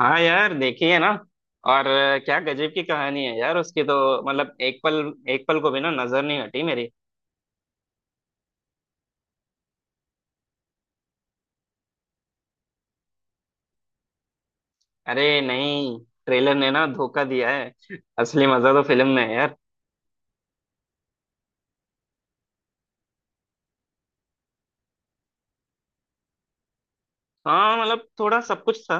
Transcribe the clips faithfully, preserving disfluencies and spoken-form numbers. हाँ यार देखी है ना। और अ, क्या गजब की कहानी है यार उसकी तो। मतलब एक पल, एक पल को भी ना नजर नहीं हटी मेरी। अरे नहीं, ट्रेलर ने ना धोखा दिया है। असली मजा तो फिल्म में है यार। हाँ, मतलब थोड़ा सब कुछ था,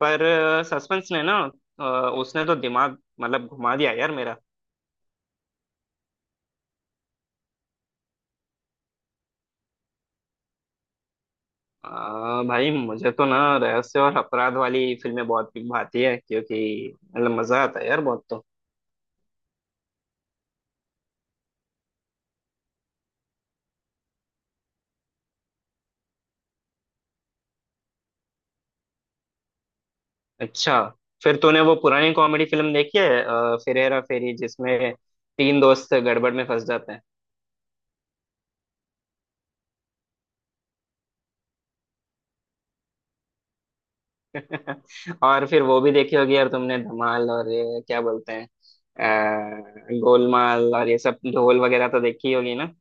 पर सस्पेंस ने ना, अ, उसने तो दिमाग मतलब घुमा दिया यार मेरा। अ, भाई मुझे तो ना रहस्य और अपराध वाली फिल्में बहुत भाती है, क्योंकि मतलब मजा आता है यार बहुत तो। अच्छा, फिर तूने वो पुरानी कॉमेडी फिल्म देखी है अ, फिर, हेरा फेरी, जिसमें तीन दोस्त गड़बड़ में फंस जाते हैं। और फिर वो भी देखी होगी यार तुमने, धमाल, और ये क्या बोलते हैं, अ, गोलमाल, और ये सब ढोल वगैरह तो देखी होगी ना।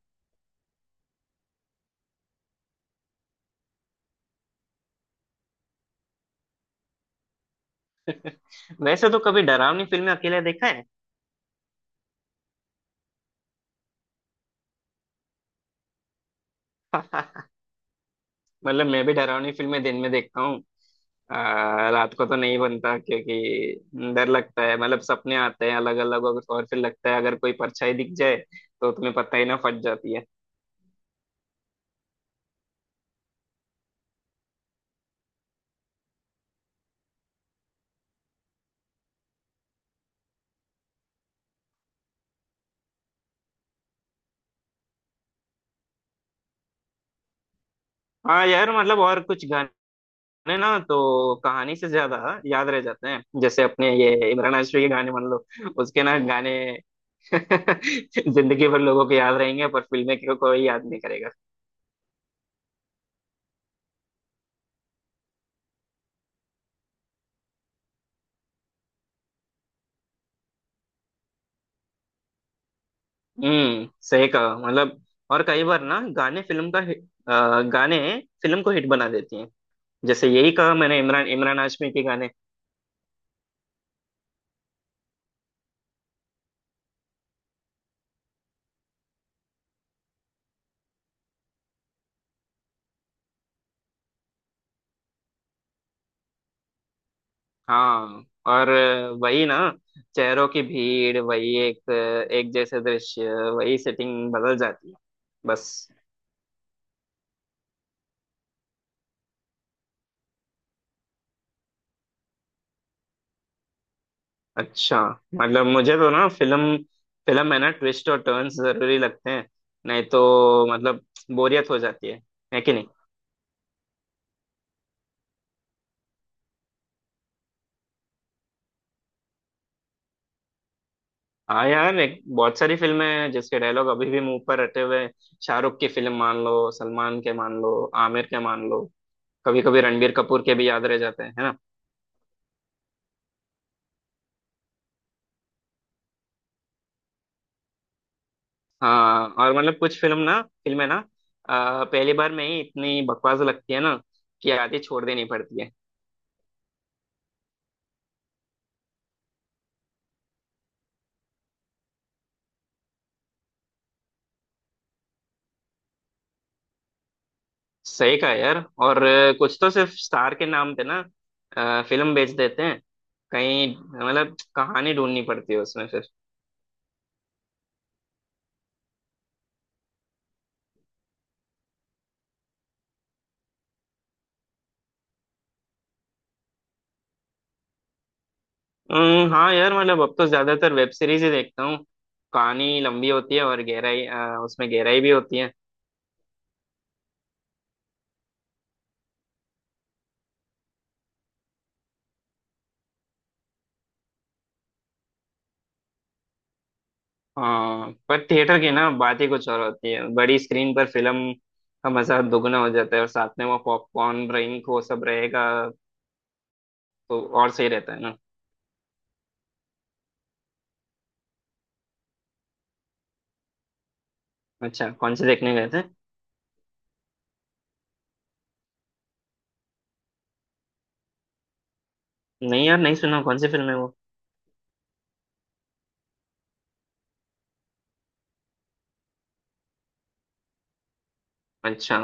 वैसे तो कभी डरावनी फिल्में अकेले देखा है? मतलब मैं भी डरावनी फिल्में दिन में देखता हूँ। अ, रात को तो नहीं बनता, क्योंकि डर लगता है, मतलब सपने आते हैं अलग अलग, और और फिर लगता है अगर कोई परछाई दिख जाए तो तुम्हें पता ही ना, फट जाती है। हाँ यार, मतलब और कुछ गाने ना तो कहानी से ज्यादा याद रह जाते हैं, जैसे अपने ये इमरान हाशमी के गाने मान लो। उसके ना गाने जिंदगी भर लोगों को याद रहेंगे, पर फिल्में को कोई याद नहीं करेगा। हम्म, सही कहा, मतलब और कई बार ना गाने फिल्म का हि- अ, गाने फिल्म को हिट बना देती हैं, जैसे यही कहा मैंने, इमरान इमरान हाशमी के गाने। हाँ, और वही ना, चेहरों की भीड़, वही एक एक जैसे दृश्य, वही सेटिंग बदल जाती है बस। अच्छा, मतलब मुझे तो ना फिल्म फिल्म में ना ट्विस्ट और टर्न्स जरूरी लगते हैं, नहीं तो मतलब बोरियत हो जाती है है कि नहीं। हाँ यार, एक बहुत सारी फिल्में हैं जिसके डायलॉग अभी भी मुंह पर रटे हुए हैं। शाहरुख की फिल्म मान लो, सलमान के मान लो, आमिर के मान लो, कभी कभी रणबीर कपूर के भी याद रह जाते हैं, है ना। हाँ, और मतलब कुछ फिल्म ना फिल्में ना, अ, पहली बार में ही इतनी बकवास लगती है ना, कि आधी छोड़ देनी पड़ती है। सही कहा यार, और अ, कुछ तो सिर्फ स्टार के नाम पे ना, अ, फिल्म बेच देते हैं, कहीं मतलब कहानी ढूंढनी पड़ती है उसमें फिर। हम्म, हाँ यार, मतलब अब तो ज्यादातर वेब सीरीज ही देखता हूँ। कहानी लंबी होती है, और गहराई अ, उसमें गहराई भी होती है। हाँ, पर थिएटर की ना बात ही कुछ और होती है, बड़ी स्क्रीन पर फिल्म का मजा दोगुना हो जाता है, और साथ में वो पॉपकॉर्न, ड्रिंक, वो सब रहेगा तो और सही रहता है ना। अच्छा, कौन से देखने गए थे? नहीं यार, नहीं सुना, कौन सी फिल्म है वो? अच्छा,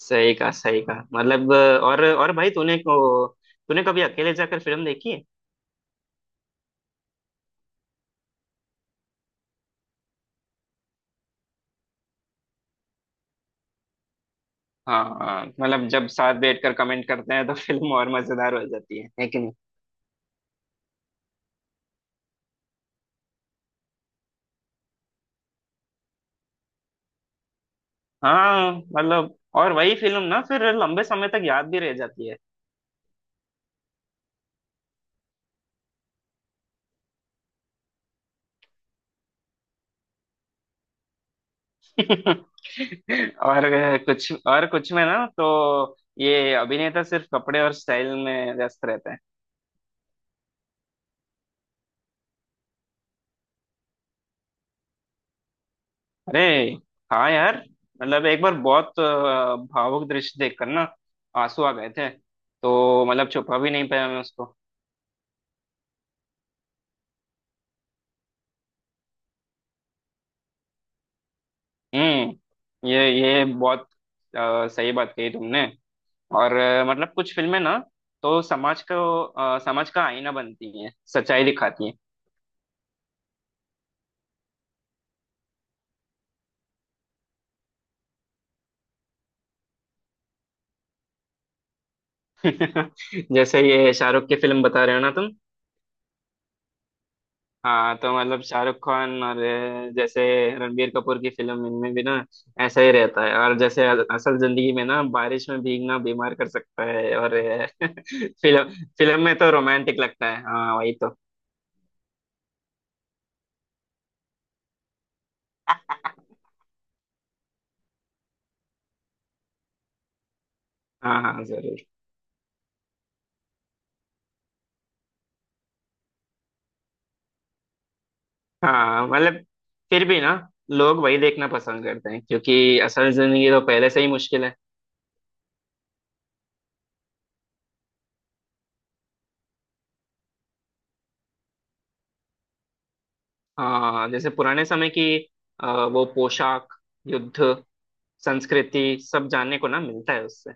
सही कहा सही कहा, मतलब। और और भाई, तूने को तूने कभी अकेले जाकर फिल्म देखी है? हाँ हाँ, मतलब जब साथ बैठकर कमेंट करते हैं तो फिल्म और मजेदार हो जाती है है कि नहीं। हाँ, मतलब और वही फिल्म ना फिर लंबे समय तक याद भी रह जाती है। और अ, कुछ और कुछ में ना तो ये अभिनेता सिर्फ कपड़े और स्टाइल में व्यस्त रहते हैं। अरे हाँ यार, मतलब एक बार बहुत अ, भावुक दृश्य देखकर ना आंसू आ गए थे, तो मतलब छुपा भी नहीं पाया मैं उसको। हम्म, ये ये बहुत अ, सही बात कही तुमने। और अ, मतलब कुछ फिल्में ना तो समाज को अ, समाज का आईना बनती हैं, सच्चाई दिखाती हैं। जैसे ये शाहरुख की फिल्म बता रहे हो ना तुम। हाँ तो मतलब शाहरुख खान और अ, जैसे रणबीर कपूर की फिल्म, इनमें भी ना ऐसा ही रहता है। और जैसे अ- असल जिंदगी में ना बारिश में भीगना बीमार कर सकता है, और फिल्म फिल्म में तो रोमांटिक लगता है, हाँ वही तो। हाँ हाँ जरूर। हाँ, मतलब फिर भी ना, लोग वही देखना पसंद करते हैं, क्योंकि असल जिंदगी तो पहले से ही मुश्किल है। हाँ, जैसे पुराने समय की अ, वो पोशाक, युद्ध, संस्कृति, सब जानने को ना मिलता है उससे।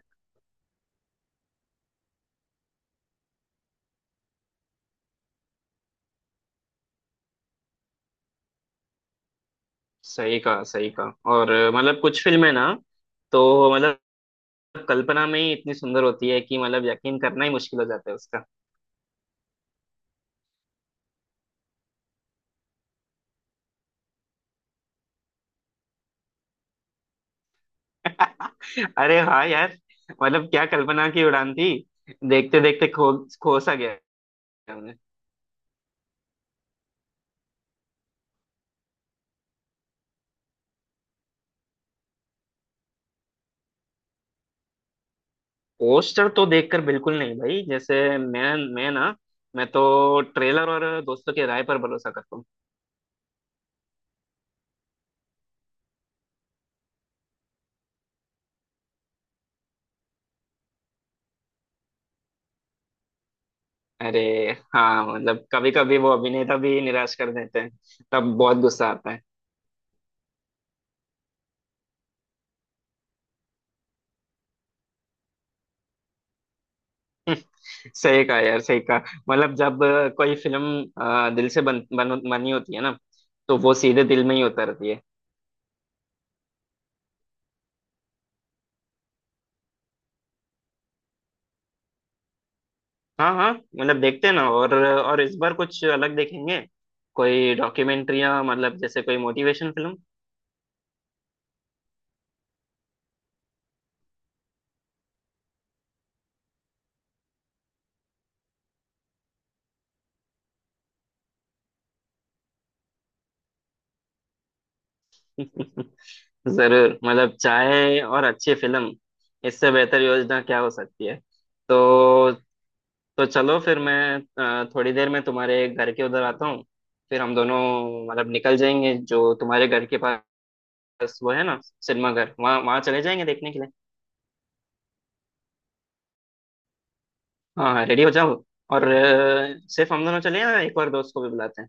सही कहा सही कहा, और अ, मतलब कुछ फिल्में ना तो मतलब कल्पना में ही इतनी सुंदर होती है कि मतलब यकीन करना ही मुश्किल हो जाता है उसका। अरे हाँ यार, मतलब क्या कल्पना की उड़ान थी, देखते देखते खो खो सा गया हमने। पोस्टर तो देखकर बिल्कुल नहीं भाई, जैसे मैं मैं ना, मैं तो ट्रेलर और दोस्तों की राय पर भरोसा करता हूँ। अरे हाँ, मतलब कभी कभी वो अभिनेता भी निराश कर देते हैं, तब बहुत गुस्सा आता है। सही कहा यार सही कहा, मतलब जब अ, कोई फिल्म अ, दिल से बन, बन बनी होती है ना तो वो सीधे दिल में ही उतरती है। हाँ हाँ, मतलब देखते हैं ना, और और इस बार कुछ अलग देखेंगे, कोई डॉक्यूमेंट्रियाँ, मतलब जैसे कोई मोटिवेशन फिल्म। जरूर, मतलब चाय और अच्छी फिल्म, इससे बेहतर योजना क्या हो सकती है। तो तो चलो फिर, मैं अ, थोड़ी देर में तुम्हारे घर के उधर आता हूँ, फिर हम दोनों मतलब निकल जाएंगे, जो तुम्हारे घर के पास बस वो है ना सिनेमाघर, वहाँ वहाँ चले जाएंगे देखने के लिए। हाँ हाँ रेडी हो जाओ, और अ, सिर्फ हम दोनों चले या एक और दोस्त को भी बुलाते हैं?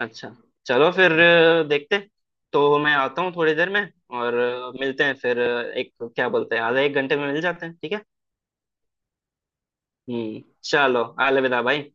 अच्छा, चलो फिर अ, देखते हैं। तो मैं आता हूँ थोड़ी देर में, और अ, मिलते हैं फिर अ, एक क्या बोलते हैं, आधे एक घंटे में मिल जाते हैं, ठीक है। हम्म, चलो, अलविदा भाई।